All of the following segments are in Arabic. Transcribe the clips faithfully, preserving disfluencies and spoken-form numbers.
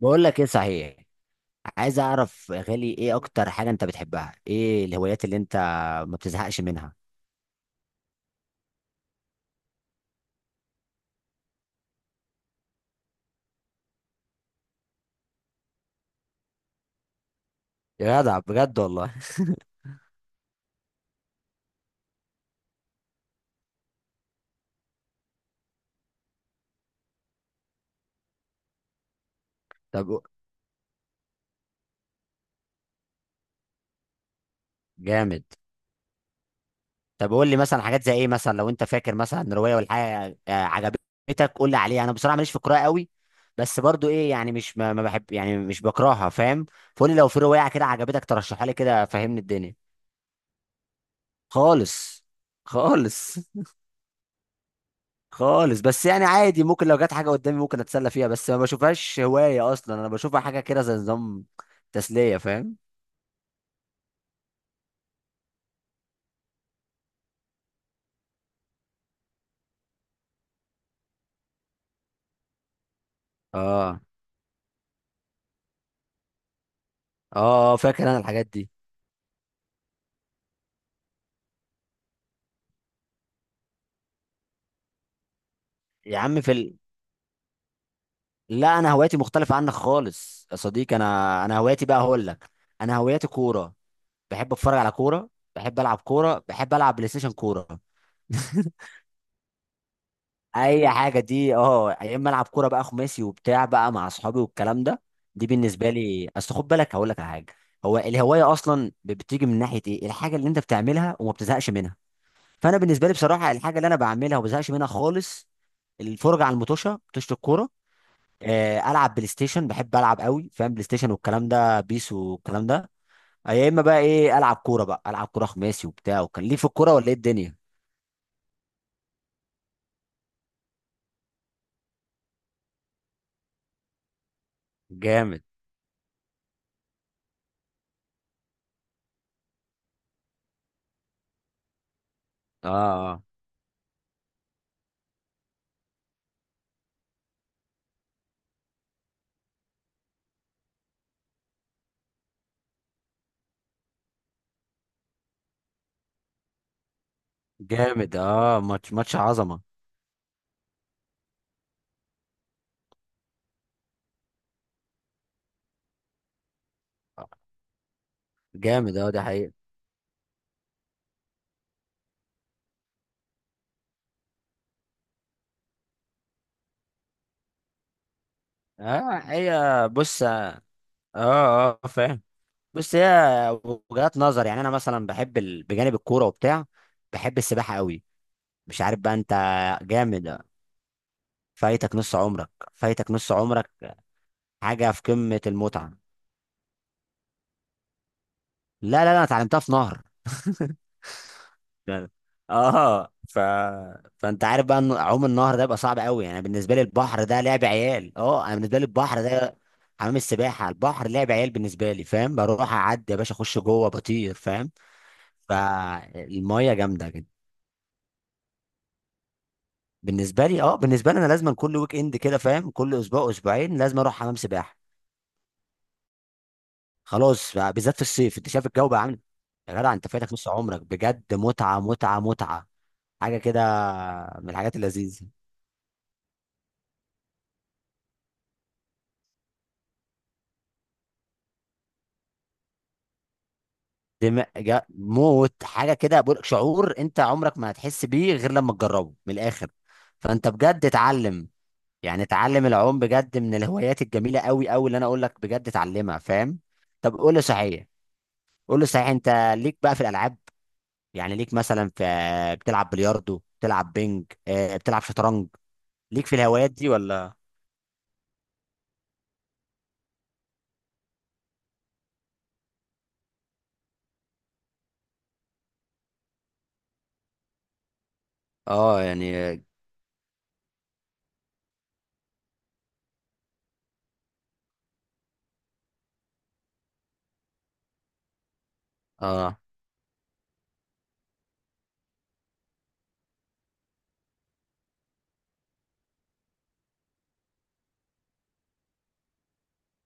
بقول لك ايه؟ صحيح. عايز اعرف يا غالي ايه اكتر حاجه انت بتحبها، ايه الهوايات اللي انت ما بتزهقش منها؟ يا جدع، بجد والله. طب قو- جامد. طب قول لي مثلا حاجات زي ايه، مثلا لو انت فاكر مثلا روايه ولا حاجه آه، عجبتك قول لي عليها. انا بصراحه ماليش في القراءه قوي، بس برضو ايه يعني، مش ما ما بحب يعني، مش بكرهها، فاهم؟ فقول لي لو في روايه كده عجبتك ترشحها لي كده، فهمني الدنيا. خالص. خالص. خالص بس يعني عادي، ممكن لو جت حاجه قدامي ممكن اتسلى فيها، بس ما بشوفهاش هوايه اصلا، انا بشوفها حاجه كده زي نظام تسليه، فاهم؟ اه، اه، فاكر انا الحاجات دي. يا عم في ال... لا، انا هوايتي مختلفه عنك خالص يا صديقي، انا انا هوايتي بقى هقول لك. انا هوايتي كوره، بحب اتفرج على كوره، بحب العب كوره، بحب العب بلاي ستيشن كوره. اي حاجه دي، اه، يا اما العب كوره بقى خماسي وبتاع بقى مع اصحابي والكلام ده. دي بالنسبه لي، اصل خد بالك هقول لك على حاجه. هو الهوايه اصلا ب- بتيجي من ناحيه ايه الحاجه اللي انت بتعملها وما بتزهقش منها. فانا بالنسبه لي بصراحه الحاجه اللي انا بعملها وما بزهقش منها خالص: الفرجه على المطوشه، مطوشه الكوره. آه، العب بلاي ستيشن، بحب العب قوي، فاهم؟ بلاي ستيشن والكلام ده، بيس والكلام ده. آه، يا اما بقى ايه، العب كوره بقى، العب كوره خماسي وبتاع، وكان ليه في الكوره ولا ايه الدنيا؟ جامد اه اه جامد. اه، ماتش ماتش عظمه. جامد، اه، ده حقيقة. اه، هي، بص، اه، اه، فاهم، بص، هي وجهات نظر. يعني انا مثلا بحب ال... بجانب الكوره وبتاع بحب السباحه قوي. مش عارف بقى انت. جامد. فايتك نص عمرك. فايتك نص عمرك. حاجه في قمه المتعه. لا، لا، لا، انا اتعلمتها في نهر. يعني، اه ف... فانت عارف بقى ان عوم النهر ده بيبقى صعب قوي، يعني بالنسبه لي البحر ده لعب عيال. اه، انا بالنسبه لي البحر ده حمام السباحه، البحر لعب عيال بالنسبه لي، فاهم؟ بروح اعدي يا باشا اخش جوه بطير، فاهم؟ فالميه جامده جدا. بالنسبه لي، اه، بالنسبه لي انا لازم كل ويك اند كده، فاهم؟ كل اسبوع اسبوعين لازم اروح حمام سباحه. خلاص ف- بالذات في الصيف انت شايف الجو بقى عامل إيه؟ يا جدع انت فاتك نص عمرك بجد، متعه متعه متعه، حاجه كده من الحاجات اللذيذه. دماغ جا- موت. حاجه كده بقول، شعور انت عمرك ما هتحس بيه غير لما تجربه من الاخر. فانت بجد اتعلم، يعني اتعلم العوم بجد، من الهوايات الجميله قوي قوي اللي انا اقول لك بجد اتعلمها، فاهم؟ طب قول لي صحيح. قول لي صحيح انت، ليك بقى في الالعاب؟ يعني ليك مثلا في، بتلعب بلياردو، بتلعب بينج، آه، بتلعب شطرنج؟ ليك في الهوايات دي ولا؟ اه يعني. اه،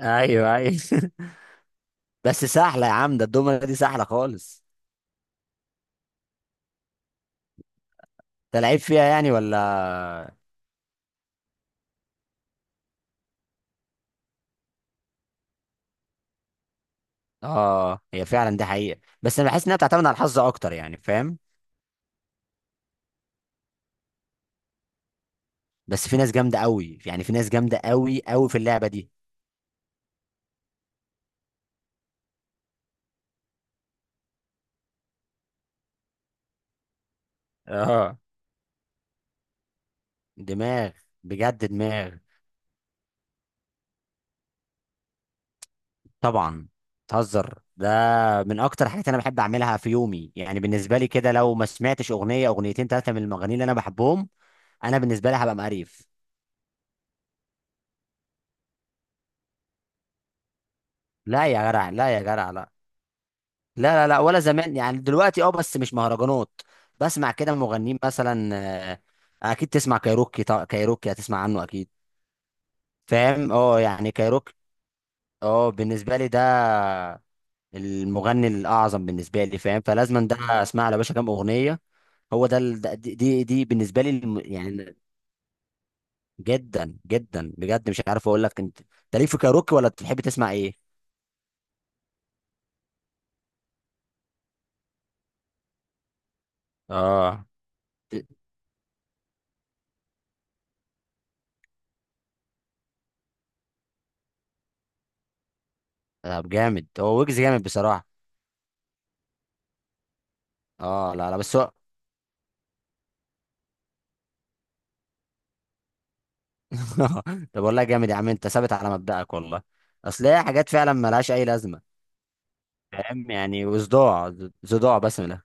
ايوه، ايوه. بس سهله يا عم، ده الدومنه دي سهله خالص. انت لعيب فيها يعني ولا؟ اه، هي فعلا دي حقيقة، بس انا بحس انها بتعتمد على الحظ اكتر، يعني فاهم؟ بس في ناس جامدة قوي، يعني في ناس جامدة قوي قوي في اللعبة دي. اه، دماغ. بجد دماغ. طبعا، تهزر ده؟ من اكتر حاجات انا بحب اعملها في يومي، يعني بالنسبة لي كده لو ما سمعتش اغنية اغنيتين ثلاثة من المغنيين اللي انا بحبهم، انا بالنسبة لي هبقى مقريف. لا يا جدع، لا يا جدع، لا. لا، لا، لا، ولا زمان يعني، دلوقتي اه، بس مش مهرجانات. بسمع كده مغنيين مثلا. آه، اكيد تسمع كايروكي، طبعا كايروكي هتسمع عنه اكيد، فاهم؟ اه يعني كايروكي. اه، بالنسبه لي ده المغني الاعظم بالنسبه لي، فاهم؟ فلازما ده اسمع له يا باشا كام اغنيه. هو ده ال- ده- دي دي دي بالنسبه لي الم- يعني جدا جدا بجد، مش عارف اقول لك. انت انت ليك في كايروكي ولا بتحب تسمع ايه؟ اه، طب جامد، هو ويجز جامد بصراحه. اه، لا، لا، بس هو. طب والله جامد يا عم، انت ثابت على مبدأك والله. اصل هي حاجات فعلا ملهاش اي لازمه، فاهم؟ يعني وصداع، صداع بس من الآخر.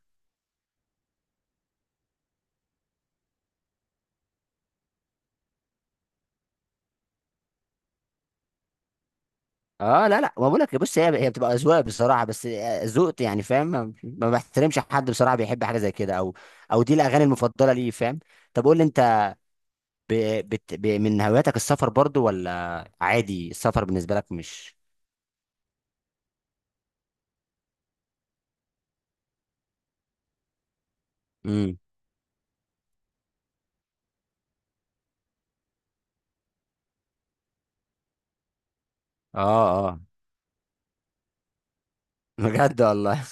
اه، لا، لا، ما بقولك، بص، هي هي بتبقى اذواق بصراحه، بس ذوقت يعني، فاهم؟ ما ما بحترمش حد بصراحه بيحب حاجه زي كده، او او دي الاغاني المفضله ليه، فاهم؟ طب قول لي انت، ب... بت... ب... من هواياتك السفر برضو ولا عادي السفر بالنسبه لك مش؟ امم اه، اه، بجد والله.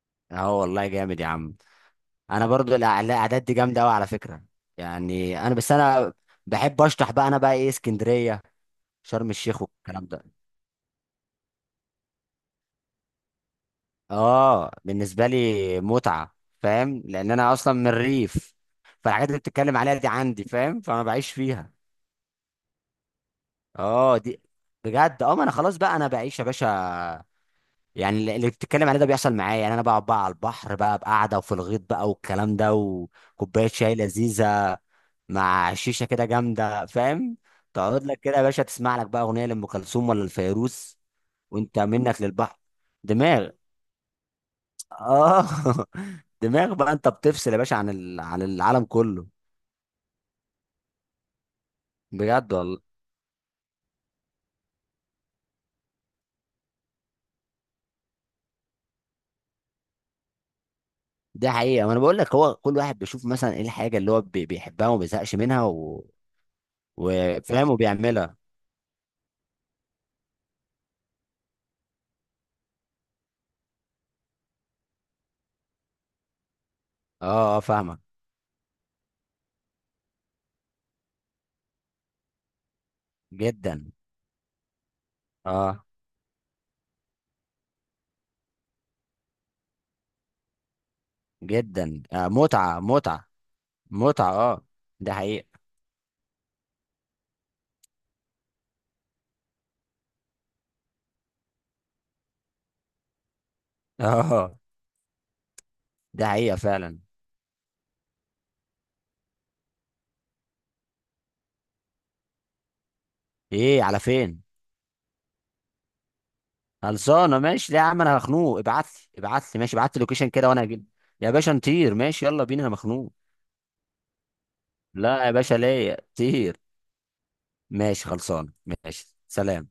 اه والله جامد يا عم. انا برضو الأع- الاعداد دي جامده قوي على فكره، يعني انا بس انا بحب اشطح بقى، انا بقى ايه اسكندريه، شرم الشيخ والكلام ده. اه بالنسبه لي متعه، فاهم؟ لان انا اصلا من الريف، فالحاجات اللي بتتكلم عليها دي عندي، فاهم؟ فانا بعيش فيها. اه، دي بجد. اه، ما انا خلاص بقى، انا بعيش يا باشا، يعني اللي اللي بتتكلم عليه ده بيحصل معايا. يعني انا بقعد بقى على البحر بقى بقعده، وفي الغيط بقى والكلام ده، وكوبايه شاي لذيذه مع شيشه كده جامده، فاهم؟ تقعد لك كده يا باشا، تسمع لك بقى اغنيه لام كلثوم ولا الفيروز، وانت منك للبحر. دماغ. اه دماغ بقى، انت بتفصل يا باشا عن ال... عن العالم كله، بجد والله. دي حقيقه، ما انا بقول لك هو كل واحد بيشوف مثلا ايه الحاجه اللي هو بي... بيحبها وما بيزهقش منها و... وفاهم وبيعملها. اه، اه، فاهمك، جدا. اه جدا، آه متعه متعه متعه. اه ده حقيقه. اه ده حقيقه فعلا. ايه على فين؟ خلصانه ماشي. لا يا عم انا مخنوق، ابعت لي ابعت لي ماشي ابعت لي لوكيشن كده وانا هجيب. يا باشا نطير ماشي، يلا بينا انا مخنوق. لا يا باشا ليا طير. ماشي خلصانه. ماشي، سلام.